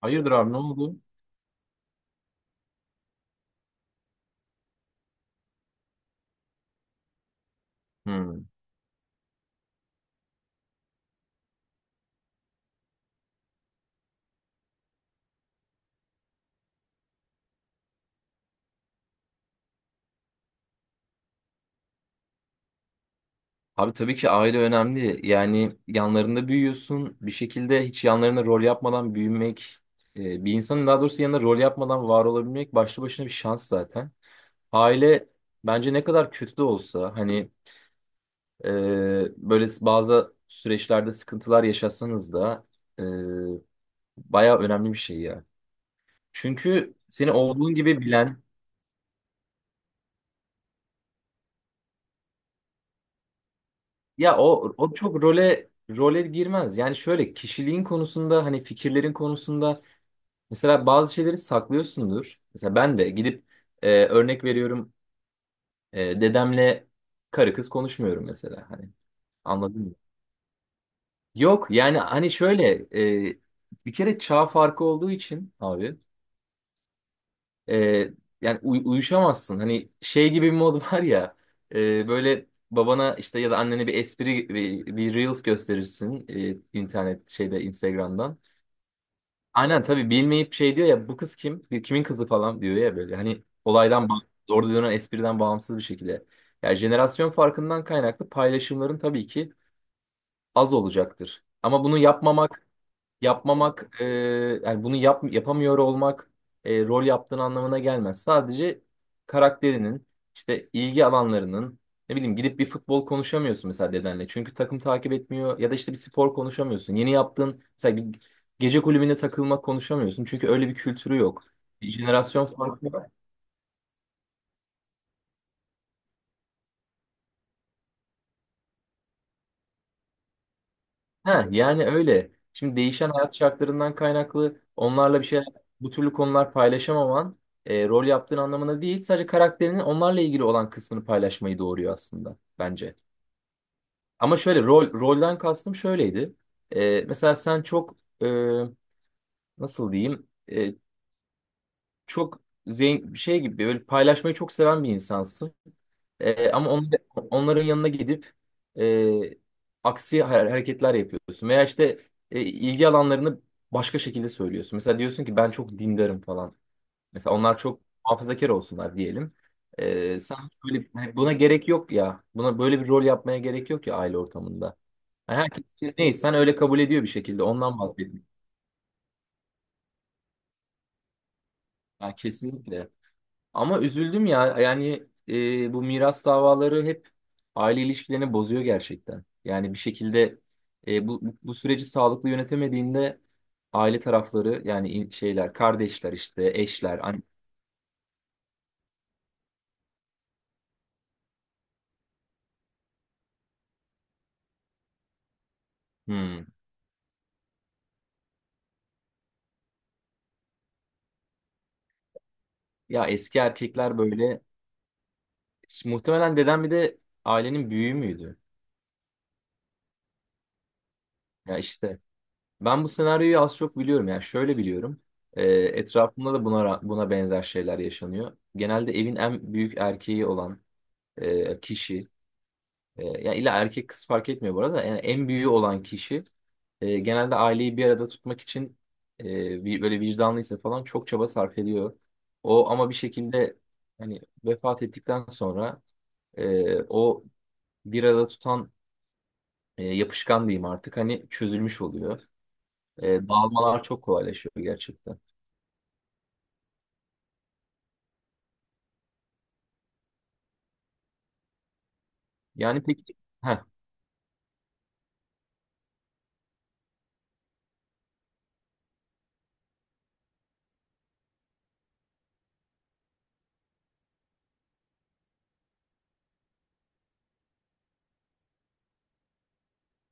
Hayırdır abi ne oldu? Hmm. Abi tabii ki aile önemli. Yani yanlarında büyüyorsun. Bir şekilde hiç yanlarında rol yapmadan büyümek, bir insanın daha doğrusu yanında rol yapmadan var olabilmek başlı başına bir şans zaten. Aile bence ne kadar kötü de olsa hani e, böyle bazı süreçlerde sıkıntılar yaşasanız da e, bayağı önemli bir şey ya. Çünkü seni olduğun gibi bilen. Ya o çok role girmez. Yani şöyle kişiliğin konusunda hani fikirlerin konusunda mesela bazı şeyleri saklıyorsundur. Mesela ben de gidip örnek veriyorum dedemle karı kız konuşmuyorum mesela hani anladın mı? Yok yani hani şöyle e, bir kere çağ farkı olduğu için abi e, yani uyuşamazsın. Hani şey gibi bir mod var ya böyle babana işte ya da annene bir espri bir Reels gösterirsin, internet şeyde Instagram'dan. Aynen tabii bilmeyip şey diyor ya, bu kız kim? Kimin kızı falan diyor ya böyle. Hani olaydan orada dönen espriden bağımsız bir şekilde. Yani jenerasyon farkından kaynaklı paylaşımların tabii ki az olacaktır. Ama bunu yapmamak yani bunu yapamıyor olmak rol yaptığın anlamına gelmez. Sadece karakterinin, işte ilgi alanlarının, ne bileyim gidip bir futbol konuşamıyorsun mesela dedenle. Çünkü takım takip etmiyor ya da işte bir spor konuşamıyorsun. Yeni yaptığın mesela bir gece kulübüne takılmak konuşamıyorsun. Çünkü öyle bir kültürü yok. Bir jenerasyon farkı. Ha, yani öyle. Şimdi değişen hayat şartlarından kaynaklı onlarla bir şeyler, bu türlü konular paylaşamaman rol yaptığın anlamına değil, sadece karakterinin onlarla ilgili olan kısmını paylaşmayı doğuruyor aslında bence. Ama şöyle rolden kastım şöyleydi. Mesela sen çok e, nasıl diyeyim çok zengin şey gibi böyle paylaşmayı çok seven bir insansın. Ama onların yanına gidip e, aksi hareketler yapıyorsun. Veya işte ilgi alanlarını başka şekilde söylüyorsun. Mesela diyorsun ki ben çok dindarım falan. Mesela onlar çok hafızakar olsunlar diyelim. Sen böyle hani buna gerek yok ya. Buna böyle bir rol yapmaya gerek yok ya aile ortamında. Yani herkes neyse sen öyle kabul ediyor bir şekilde. Ondan bahsediyorum. Yani kesinlikle. Ama üzüldüm ya. Yani bu miras davaları hep aile ilişkilerini bozuyor gerçekten. Yani bir şekilde bu süreci sağlıklı yönetemediğinde aile tarafları yani şeyler, kardeşler işte, eşler, an. Hmm. Ya eski erkekler böyle muhtemelen dedem bir de ailenin büyüğü müydü? Ya işte ben bu senaryoyu az çok biliyorum. Yani şöyle biliyorum. Etrafımda da buna buna benzer şeyler yaşanıyor. Genelde evin en büyük erkeği olan kişi. Ya illa erkek kız fark etmiyor bu arada. Yani en büyüğü olan kişi genelde aileyi bir arada tutmak için böyle vicdanlıysa falan çok çaba sarf ediyor. O ama bir şekilde hani vefat ettikten sonra o bir arada tutan yapışkan diyeyim artık hani çözülmüş oluyor. Dağılmalar çok kolaylaşıyor gerçekten. Yani peki, heh,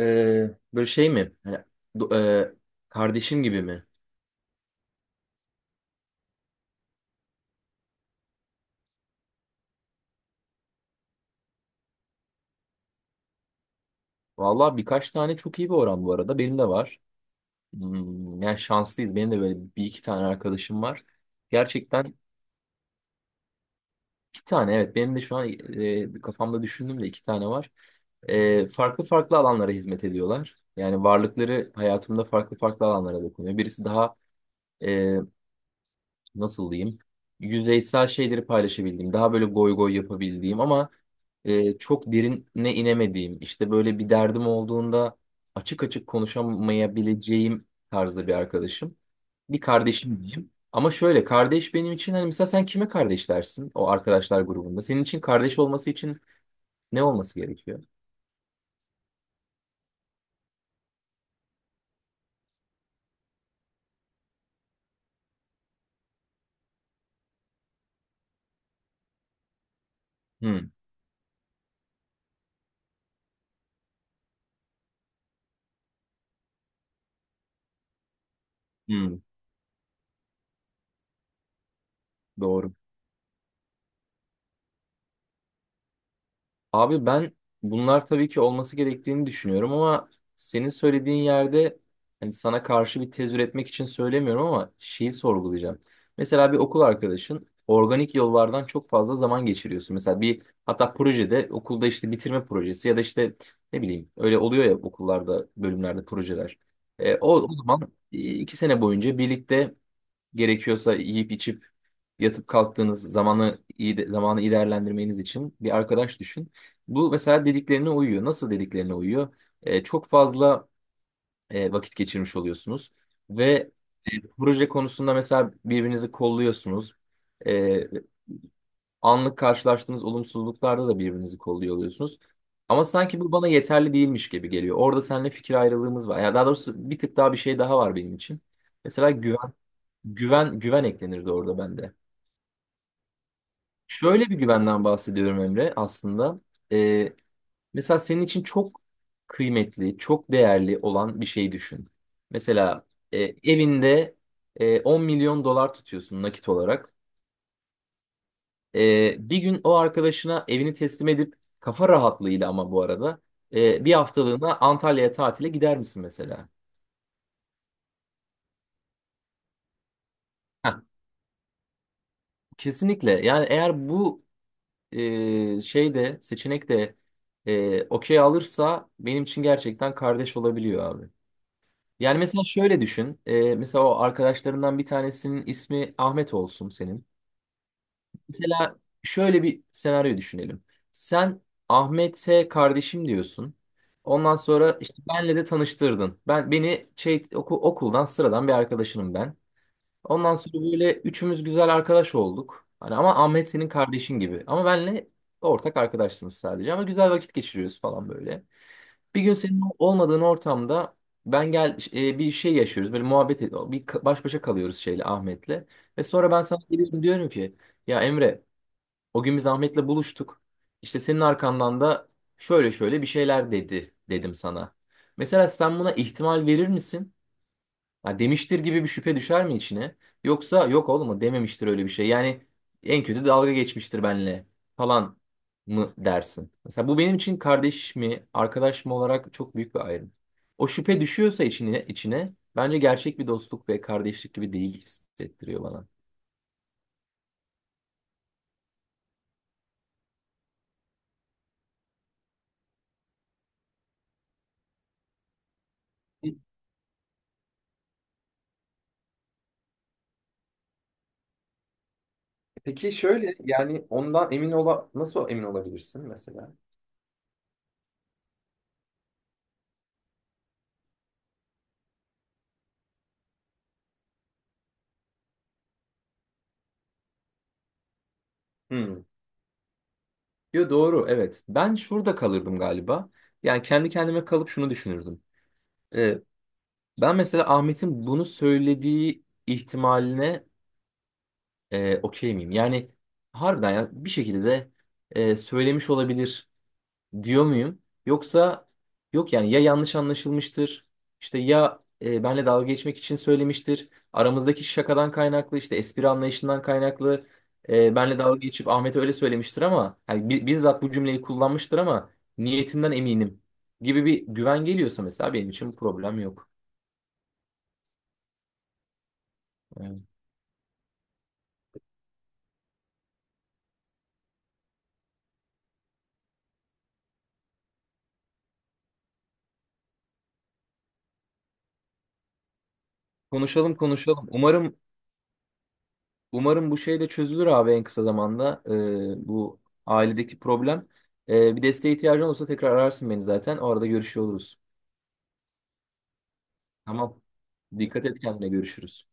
e, böyle şey mi? Hani, do- e, kardeşim gibi mi? Vallahi birkaç tane çok iyi bir oran bu arada. Benim de var. Hmm, yani şanslıyız. Benim de böyle bir iki tane arkadaşım var. Gerçekten iki tane, evet. Benim de şu an kafamda düşündüm de iki tane var. Farklı farklı alanlara hizmet ediyorlar. Yani varlıkları hayatımda farklı farklı alanlara dokunuyor. Birisi daha e, nasıl diyeyim yüzeysel şeyleri paylaşabildiğim, daha böyle goy goy yapabildiğim ama çok derine inemediğim, işte böyle bir derdim olduğunda açık açık konuşamayabileceğim tarzda bir arkadaşım. Bir kardeşim diyeyim. Ama şöyle kardeş benim için hani mesela sen kime kardeş dersin o arkadaşlar grubunda? Senin için kardeş olması için ne olması gerekiyor? Hmm, hmm, doğru. Abi ben, bunlar tabii ki olması gerektiğini düşünüyorum ama senin söylediğin yerde, hani sana karşı bir tez üretmek için söylemiyorum ama şeyi sorgulayacağım. Mesela bir okul arkadaşın organik yollardan çok fazla zaman geçiriyorsun. Mesela bir hatta projede okulda işte bitirme projesi ya da işte ne bileyim öyle oluyor ya okullarda bölümlerde projeler. O zaman iki sene boyunca birlikte gerekiyorsa yiyip içip yatıp kalktığınız zamanı zamanı iyi değerlendirmeniz için bir arkadaş düşün. Bu mesela dediklerine uyuyor. Nasıl dediklerine uyuyor? Çok fazla vakit geçirmiş oluyorsunuz ve proje konusunda mesela birbirinizi kolluyorsunuz. Ee, anlık karşılaştığınız olumsuzluklarda da birbirinizi kolluyor oluyorsunuz. Ama sanki bu bana yeterli değilmiş gibi geliyor. Orada seninle fikir ayrılığımız var. Ya daha doğrusu bir tık daha bir şey daha var benim için. Mesela güven eklenirdi orada bende. Şöyle bir güvenden bahsediyorum Emre aslında. Ee, mesela senin için çok kıymetli, çok değerli olan bir şey düşün. Mesela e, evinde 10 milyon dolar tutuyorsun nakit olarak. Bir gün o arkadaşına evini teslim edip kafa rahatlığıyla ama bu arada bir haftalığına Antalya'ya tatile gider misin mesela? Heh, kesinlikle. Yani eğer bu şey de seçenek de okey alırsa benim için gerçekten kardeş olabiliyor abi. Yani mesela şöyle düşün. Mesela o arkadaşlarından bir tanesinin ismi Ahmet olsun senin. Mesela şöyle bir senaryo düşünelim. Sen Ahmet'e kardeşim diyorsun. Ondan sonra işte benle de tanıştırdın. Ben beni şey okuldan sıradan bir arkadaşınım ben. Ondan sonra böyle üçümüz güzel arkadaş olduk. Hani ama Ahmet senin kardeşin gibi. Ama benle ortak arkadaşsınız sadece. Ama güzel vakit geçiriyoruz falan böyle. Bir gün senin olmadığın ortamda ben bir şey yaşıyoruz. Böyle muhabbet ediyor. Baş başa kalıyoruz şeyle Ahmet'le. Ve sonra ben sana geliyorum diyorum ki ya Emre, o gün biz Ahmet'le buluştuk. İşte senin arkandan da şöyle şöyle bir şeyler dedi dedim sana. Mesela sen buna ihtimal verir misin? Ha, demiştir gibi bir şüphe düşer mi içine? Yoksa yok oğlum o dememiştir öyle bir şey. Yani en kötü dalga geçmiştir benle falan mı dersin? Mesela bu benim için kardeş mi, arkadaş mı olarak çok büyük bir ayrım. O şüphe düşüyorsa içine, içine bence gerçek bir dostluk ve kardeşlik gibi değil hissettiriyor bana. Peki şöyle yani ondan emin ola nasıl emin olabilirsin mesela? Hmm. Yo doğru evet. Ben şurada kalırdım galiba. Yani kendi kendime kalıp şunu düşünürdüm. Ben mesela Ahmet'in bunu söylediği ihtimaline okey miyim? Yani harbiden ya bir şekilde de söylemiş olabilir diyor muyum? Yoksa yok yani ya yanlış anlaşılmıştır işte ya benle dalga geçmek için söylemiştir. Aramızdaki şakadan kaynaklı işte espri anlayışından kaynaklı benle dalga geçip Ahmet'e öyle söylemiştir ama yani bizzat bu cümleyi kullanmıştır ama niyetinden eminim gibi bir güven geliyorsa mesela benim için problem yok. Yani konuşalım, konuşalım. Umarım bu şey de çözülür abi en kısa zamanda. Bu ailedeki problem. Bir desteğe ihtiyacın olursa tekrar ararsın beni zaten. O arada görüşüyor oluruz. Tamam. Dikkat et kendine, görüşürüz.